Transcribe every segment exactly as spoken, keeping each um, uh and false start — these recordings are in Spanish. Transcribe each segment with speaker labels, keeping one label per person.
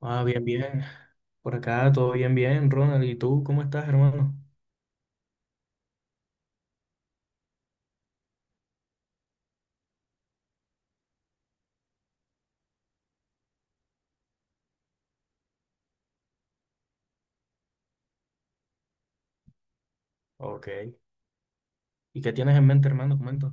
Speaker 1: Ah, bien, bien. Por acá todo bien, bien, Ronald. ¿Y tú cómo estás, hermano? Ok. ¿Y qué tienes en mente, hermano? Comenta.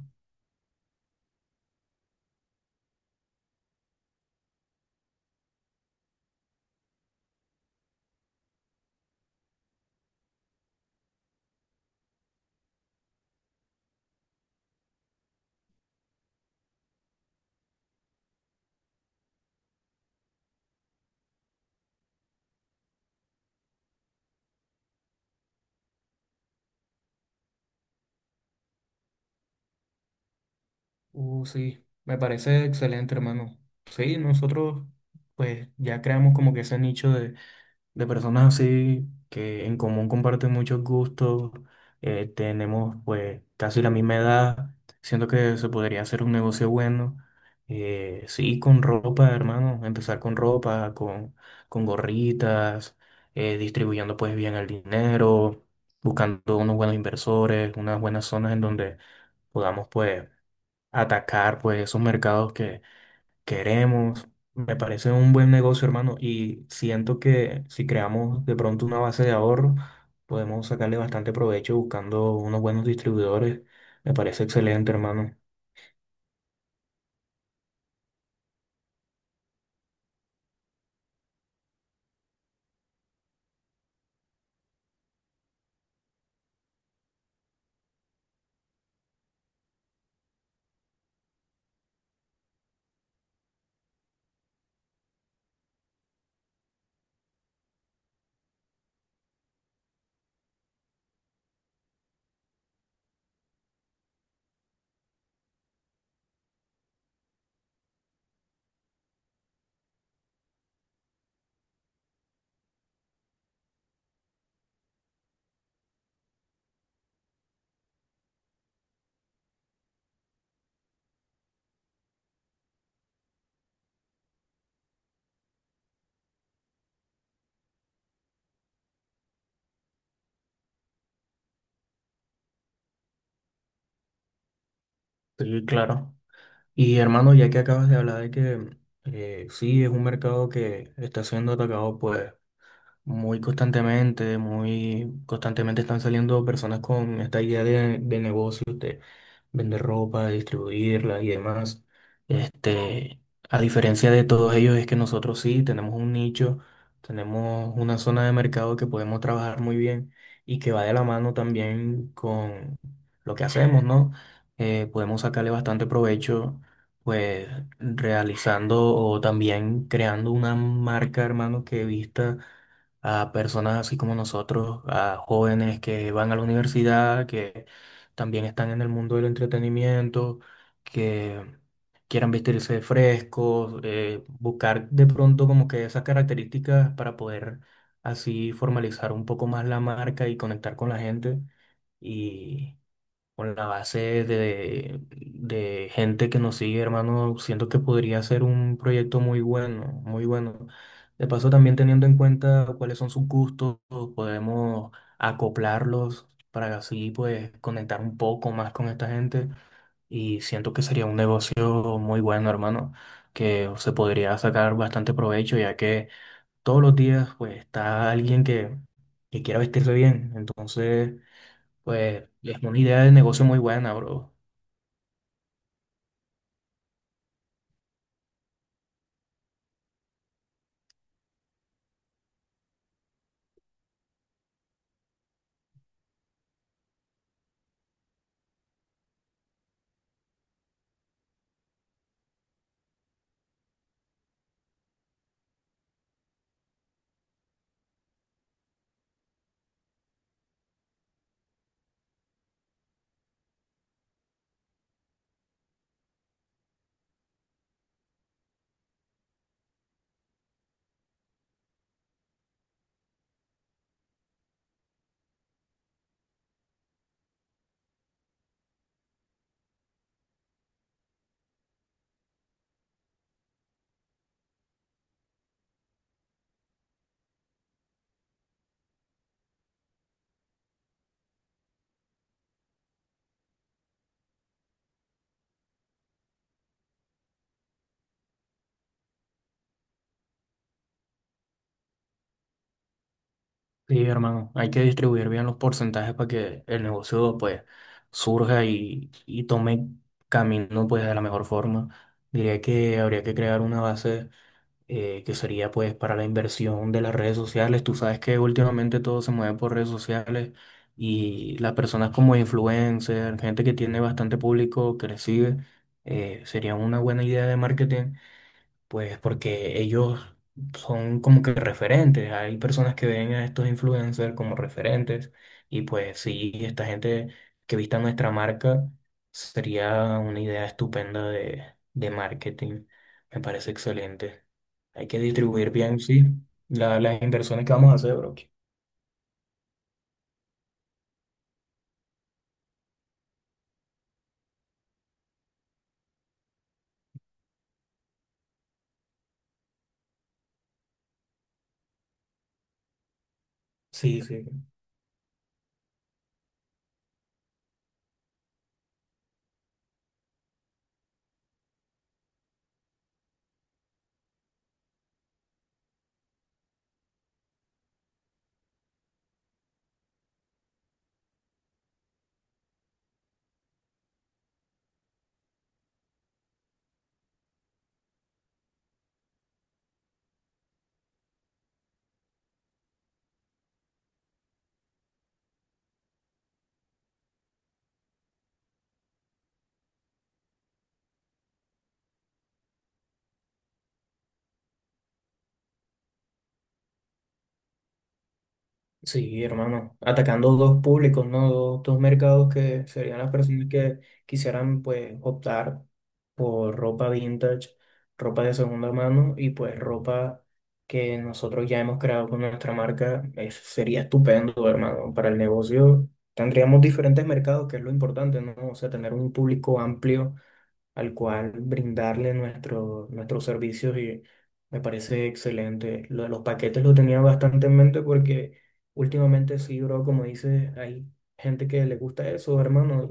Speaker 1: Uh, sí, me parece excelente, hermano. Sí, nosotros pues ya creamos como que ese nicho de personas así que en común comparten muchos gustos. Eh, tenemos pues casi la misma edad, siento que se podría hacer un negocio bueno. Eh, sí, con ropa, hermano, empezar con ropa, con, con gorritas, eh, distribuyendo pues bien el dinero, buscando unos buenos inversores, unas buenas zonas en donde podamos pues atacar pues esos mercados que queremos. Me parece un buen negocio, hermano, y siento que si creamos de pronto una base de ahorro, podemos sacarle bastante provecho buscando unos buenos distribuidores. Me parece excelente, hermano. Sí, claro. Y hermano, ya que acabas de hablar de que eh, sí es un mercado que está siendo atacado, pues muy constantemente, muy constantemente están saliendo personas con esta idea de, de negocios, de vender ropa, distribuirla y demás. Este, a diferencia de todos ellos, es que nosotros sí tenemos un nicho, tenemos una zona de mercado que podemos trabajar muy bien y que va de la mano también con lo que hacemos, ¿no? Eh, podemos sacarle bastante provecho, pues realizando o también creando una marca, hermano, que vista a personas así como nosotros, a jóvenes que van a la universidad, que también están en el mundo del entretenimiento, que quieran vestirse frescos, eh, buscar de pronto como que esas características para poder así formalizar un poco más la marca y conectar con la gente. Con la base de, de gente que nos sigue, hermano, siento que podría ser un proyecto muy bueno, muy bueno. De paso, también teniendo en cuenta cuáles son sus gustos, podemos acoplarlos para así, pues, conectar un poco más con esta gente. Y siento que sería un negocio muy bueno, hermano, que se podría sacar bastante provecho, ya que todos los días, pues, está alguien que, que quiera vestirse bien. Entonces pues es una idea de negocio muy buena, bro. Sí, hermano, hay que distribuir bien los porcentajes para que el negocio pues surja y, y tome camino pues de la mejor forma. Diría que habría que crear una base, eh, que sería pues para la inversión de las redes sociales. Tú sabes que últimamente todo se mueve por redes sociales y las personas como influencers, gente que tiene bastante público que les sigue, eh, sería una buena idea de marketing, pues porque ellos son como que referentes. Hay personas que ven a estos influencers como referentes. Y pues sí, esta gente que vista nuestra marca sería una idea estupenda de, de marketing. Me parece excelente. Hay que distribuir bien, sí, la- las inversiones que vamos a hacer, bro. Sí, sí. Sí, hermano, atacando dos públicos, ¿no? Dos, dos mercados que serían las personas que quisieran, pues, optar por ropa vintage, ropa de segunda mano y, pues, ropa que nosotros ya hemos creado con nuestra marca. Eso sería estupendo, hermano. Para el negocio tendríamos diferentes mercados, que es lo importante, ¿no? O sea, tener un público amplio al cual brindarle nuestro, nuestros servicios y me parece excelente. Lo de los paquetes lo tenía bastante en mente porque últimamente sí, bro, como dices, hay gente que le gusta eso, hermano,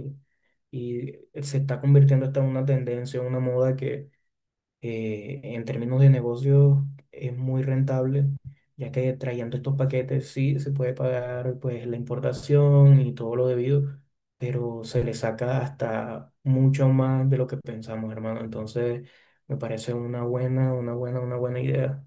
Speaker 1: y, y se está convirtiendo hasta en una tendencia, una moda que eh, en términos de negocio es muy rentable, ya que trayendo estos paquetes sí se puede pagar pues la importación y todo lo debido, pero se le saca hasta mucho más de lo que pensamos, hermano. Entonces, me parece una buena, una buena, una buena idea.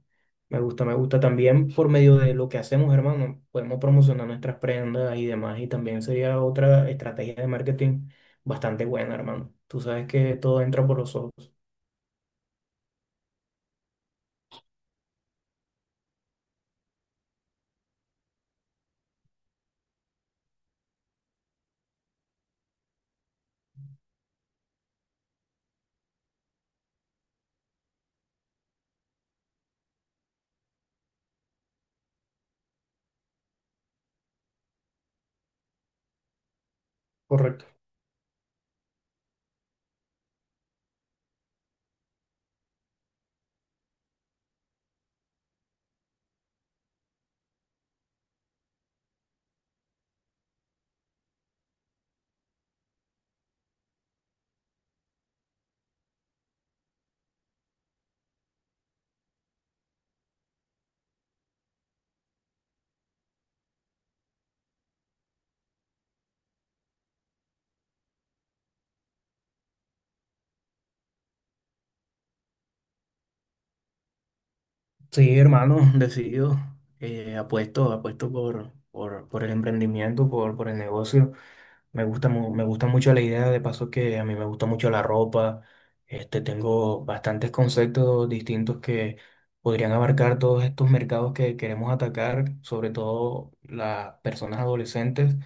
Speaker 1: Me gusta, me gusta también por medio de lo que hacemos, hermano. Podemos promocionar nuestras prendas y demás, y también sería otra estrategia de marketing bastante buena, hermano. Tú sabes que todo entra por los ojos. Correcto. Sí, hermano, decidido. Eh, apuesto, apuesto por, por, por el emprendimiento, por, por el negocio. Me gusta, mu- me gusta mucho la idea, de paso que a mí me gusta mucho la ropa. Este, tengo bastantes conceptos distintos que podrían abarcar todos estos mercados que queremos atacar, sobre todo las personas adolescentes.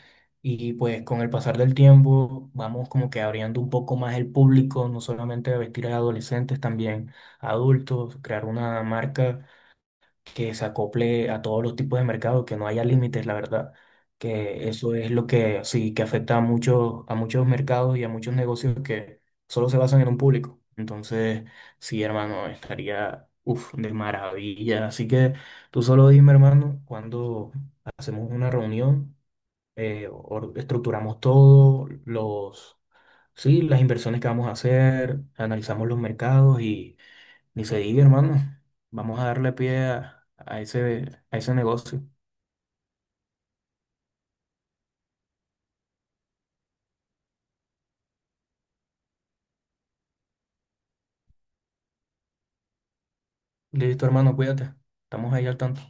Speaker 1: Y pues con el pasar del tiempo vamos como que abriendo un poco más el público, no solamente a vestir a adolescentes, también a adultos, crear una marca que se acople a todos los tipos de mercado, que no haya límites, la verdad. Que eso es lo que sí, que afecta a muchos, a muchos mercados y a muchos negocios que solo se basan en un público. Entonces, sí, hermano, estaría, uf, de maravilla. Así que tú solo dime, hermano, cuando hacemos una reunión, eh, or- estructuramos todo, los, sí, las inversiones que vamos a hacer, analizamos los mercados, ni se diga, hermano. Vamos a darle pie a, a ese, a ese negocio. Listo, hermano, cuídate. Estamos ahí al tanto.